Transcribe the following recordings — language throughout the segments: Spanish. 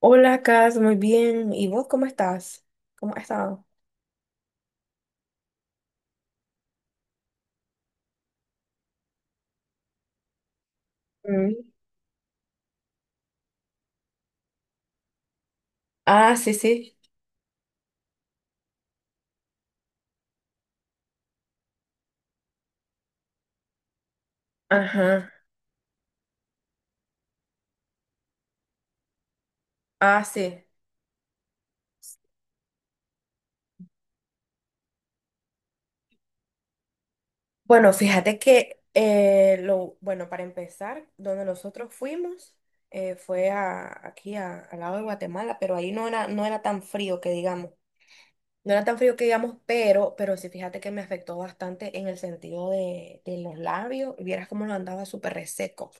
Hola, Cas, muy bien. ¿Y vos cómo estás? ¿Cómo has estado? Mm. Ah, sí, sí. Ajá. Ah, sí. Bueno, fíjate que bueno, para empezar, donde nosotros fuimos aquí al lado de Guatemala, pero ahí no era tan frío que digamos. No era tan frío que digamos, pero sí, fíjate que me afectó bastante en el sentido de los labios. Y vieras cómo lo andaba súper reseco.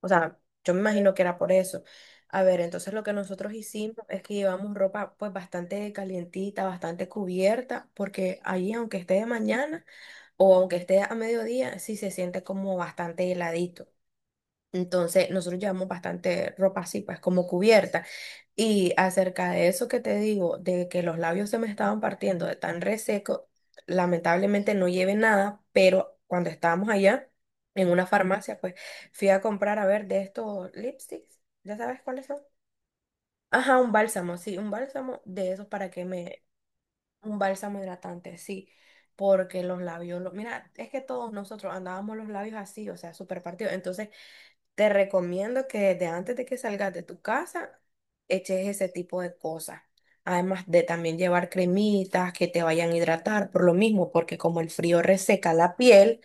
O sea, yo me imagino que era por eso. A ver, entonces lo que nosotros hicimos es que llevamos ropa pues bastante calientita, bastante cubierta, porque allí aunque esté de mañana o aunque esté a mediodía, sí se siente como bastante heladito. Entonces, nosotros llevamos bastante ropa así, pues como cubierta. Y acerca de eso que te digo, de que los labios se me estaban partiendo de tan reseco, lamentablemente no llevé nada, pero cuando estábamos allá en una farmacia, pues fui a comprar, a ver, de estos lipsticks, ¿ya sabes cuáles son? Ajá, un bálsamo, sí, un bálsamo de esos para que me, un bálsamo hidratante, sí, porque los labios, mira, es que todos nosotros andábamos los labios así, o sea, súper partidos, entonces te recomiendo que desde antes de que salgas de tu casa, eches ese tipo de cosas. Además de también llevar cremitas que te vayan a hidratar por lo mismo, porque como el frío reseca la piel,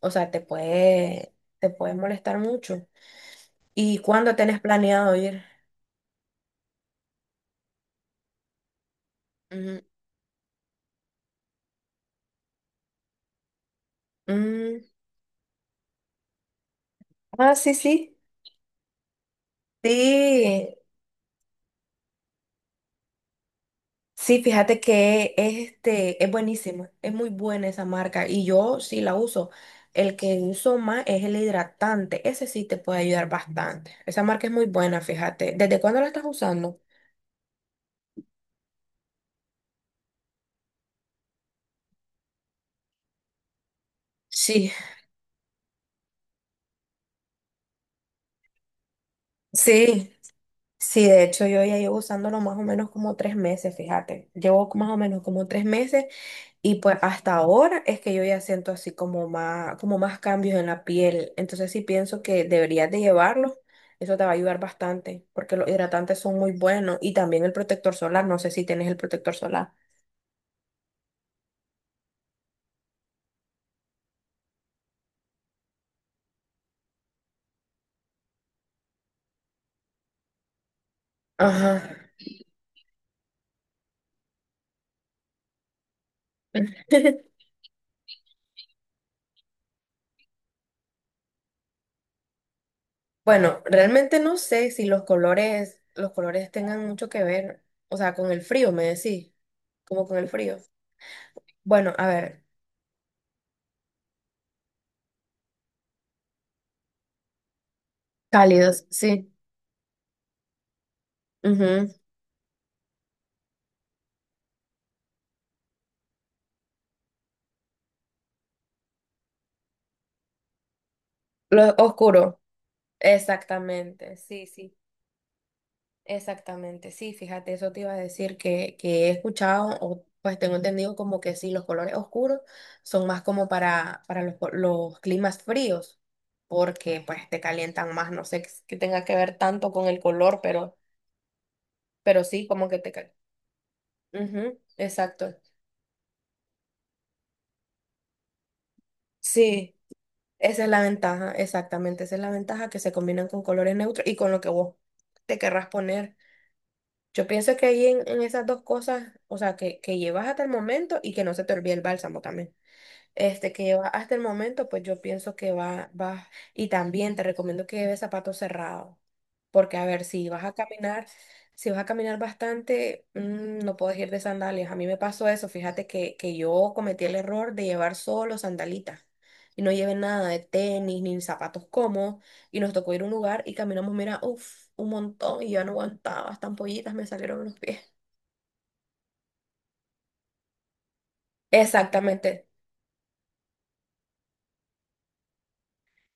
o sea, te puede molestar mucho. ¿Y cuándo tenés planeado ir? Ujú. Mm. Ah, sí, sí. Sí, sí, fíjate que es buenísimo, es muy buena esa marca y yo sí la uso. El que uso más es el hidratante, ese sí te puede ayudar bastante. Esa marca es muy buena, fíjate. ¿Desde cuándo la estás usando? Sí. Sí, sí, de hecho yo ya llevo usándolo más o menos como 3 meses, fíjate. Llevo más o menos como tres meses. Y pues hasta ahora es que yo ya siento así como más cambios en la piel. Entonces sí pienso que deberías de llevarlos. Eso te va a ayudar bastante porque los hidratantes son muy buenos y también el protector solar. No sé si tienes el protector solar. Ajá. Bueno, realmente no sé si los colores tengan mucho que ver, o sea, con el frío, me decís, como con el frío. Bueno, a ver, cálidos, sí. Ujú. Los oscuros, exactamente, sí, sí. Exactamente, sí, fíjate, eso te iba a decir que, he escuchado, o pues tengo entendido como que sí, los colores oscuros son más como para los climas fríos, porque pues te calientan más, no sé qué tenga que ver tanto con el color, pero sí, como que te calientan. Exacto. Sí, esa es la ventaja, exactamente, esa es la ventaja que se combinan con colores neutros y con lo que vos te querrás poner. Yo pienso que ahí en, esas dos cosas, o sea, que llevas hasta el momento y que no se te olvide el bálsamo también este, que lleva hasta el momento, pues yo pienso que va, va. Y también te recomiendo que lleves zapatos cerrados, porque a ver, si vas a caminar bastante, no puedes ir de sandalias. A mí me pasó eso, fíjate que yo cometí el error de llevar solo sandalitas. Y no llevé nada de tenis ni zapatos cómodos. Y nos tocó ir a un lugar y caminamos, mira, uff, un montón. Y yo no aguantaba, hasta ampollitas me salieron en los pies. Exactamente.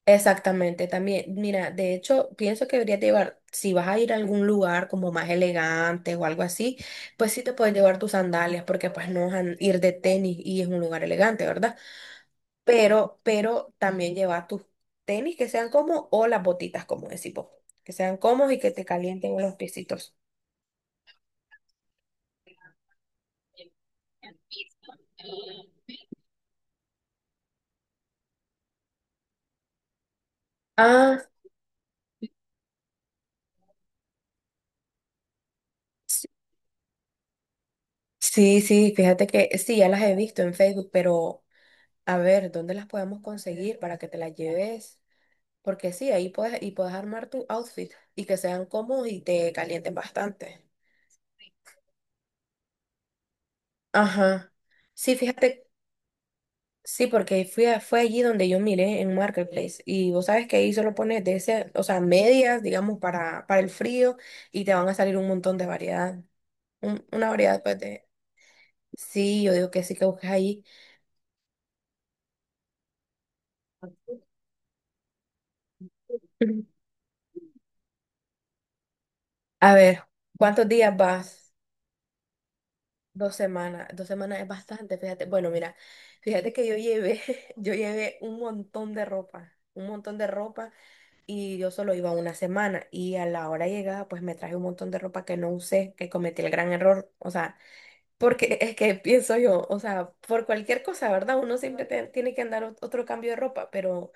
Exactamente, también, mira, de hecho, pienso que deberías llevar, si vas a ir a algún lugar como más elegante o algo así, pues sí te puedes llevar tus sandalias, porque pues no vas a ir de tenis y es un lugar elegante, ¿verdad? Pero también lleva tus tenis que sean cómodos o las botitas, como decimos, que sean cómodos y que te calienten los piecitos. Ah, sí, sí, sí, fíjate que sí, ya las he visto en Facebook, pero a ver, ¿dónde las podemos conseguir para que te las lleves? Porque sí, ahí puedes, y puedes armar tu outfit y que sean cómodos y te calienten bastante. Ajá. Sí, fíjate, sí, porque fue allí donde yo miré en Marketplace y vos sabes que ahí solo pones de ese, o sea, medias, digamos, para, el frío y te van a salir un montón de variedad. Una variedad, pues, de. Sí, yo digo que sí que busques ahí. A ver, ¿cuántos días vas? 2 semanas, 2 semanas es bastante, fíjate. Bueno, mira, fíjate que yo llevé, yo llevé un montón de ropa, un montón de ropa y yo solo iba una semana y a la hora llegada pues me traje un montón de ropa que no usé, que cometí el gran error, o sea, porque es que pienso yo, o sea, por cualquier cosa, ¿verdad? Uno siempre tiene que andar otro cambio de ropa, pero,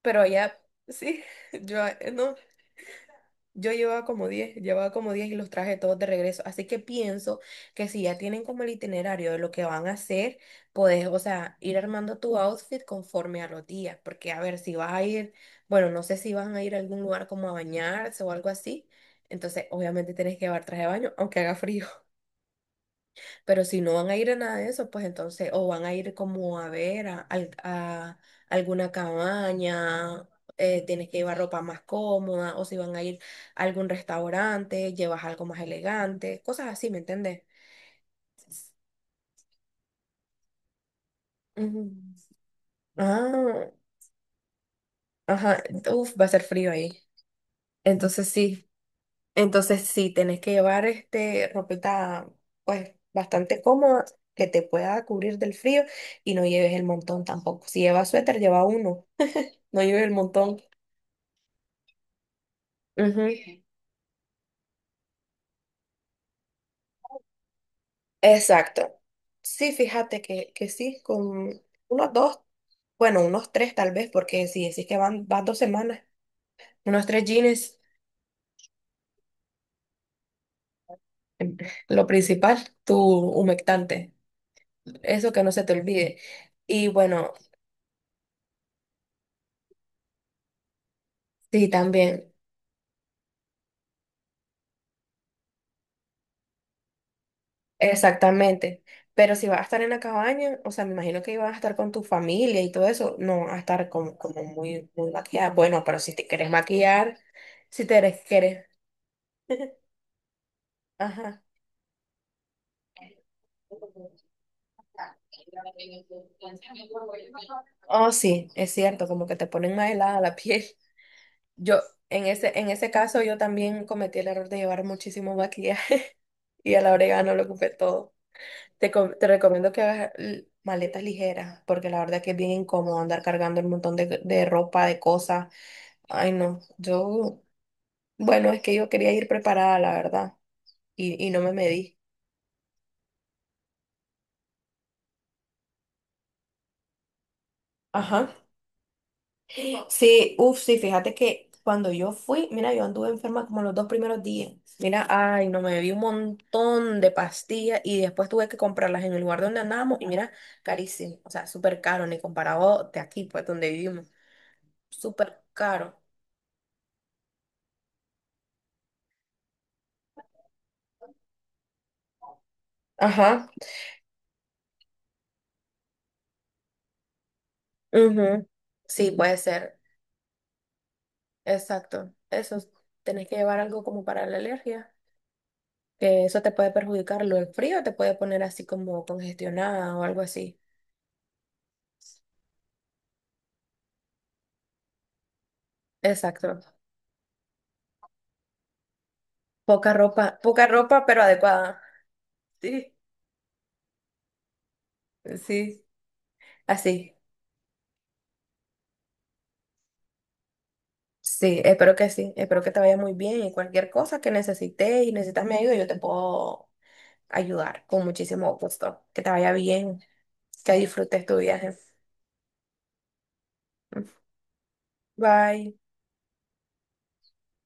pero allá sí, yo no. Yo llevaba como 10, llevaba como 10 y los traje todos de regreso. Así que pienso que si ya tienen como el itinerario de lo que van a hacer, puedes, o sea, ir armando tu outfit conforme a los días. Porque, a ver, si vas a ir, bueno, no sé si van a ir a algún lugar como a bañarse o algo así. Entonces, obviamente tienes que llevar traje de baño, aunque haga frío. Pero si no van a ir a nada de eso, pues entonces, o van a ir como a ver a alguna cabaña, tienes que llevar ropa más cómoda, o si van a ir a algún restaurante, llevas algo más elegante, cosas así, ¿me entendés? Ujú. Ah, ajá, uf, va a ser frío ahí. Entonces sí, entonces sí, tenés que llevar ropita pues bastante cómoda que te pueda cubrir del frío y no lleves el montón tampoco. Si llevas suéter, lleva uno. No llueve el montón. Ujú. Exacto. Sí, fíjate que, sí, con unos dos, bueno, unos tres tal vez, porque si decís que van 2 semanas, unos tres jeans, em, lo principal, tu humectante, eso que no se te olvide. Y bueno, sí, también, exactamente. Pero si vas a estar en la cabaña, o sea, me imagino que ibas a estar con tu familia y todo eso, no vas a estar como, muy, muy maquillada. Bueno, pero si te querés, querés. Ajá. Oh, sí, es cierto, como que te ponen más helada la piel. Yo, en ese caso, yo también cometí el error de llevar muchísimo maquillaje y a la hora no lo ocupé todo. Te recomiendo que hagas maletas ligeras, porque la verdad que es bien incómodo andar cargando un montón de ropa, de cosas. Ay, no, yo, bueno, es que yo quería ir preparada, la verdad, y no me medí. Ajá. Sí, uff, sí, fíjate que cuando yo fui, mira, yo anduve enferma como los 2 primeros días. Mira, ay, no, me bebí un montón de pastillas y después tuve que comprarlas en el lugar donde andábamos y mira, carísimo, o sea, súper caro, ni comparado de aquí, pues, donde vivimos, súper caro. Ajá. Ujú. Sí, puede ser, exacto. Eso, tenés que llevar algo como para la alergia, que eso te puede perjudicar, lo del frío te puede poner así como congestionada o algo así. Exacto. Poca ropa, pero adecuada. Sí, sí, así. Sí, espero que te vaya muy bien y cualquier cosa que necesites y necesitas mi ayuda, yo te puedo ayudar con muchísimo gusto. Que te vaya bien, que disfrutes tu viaje. Bye.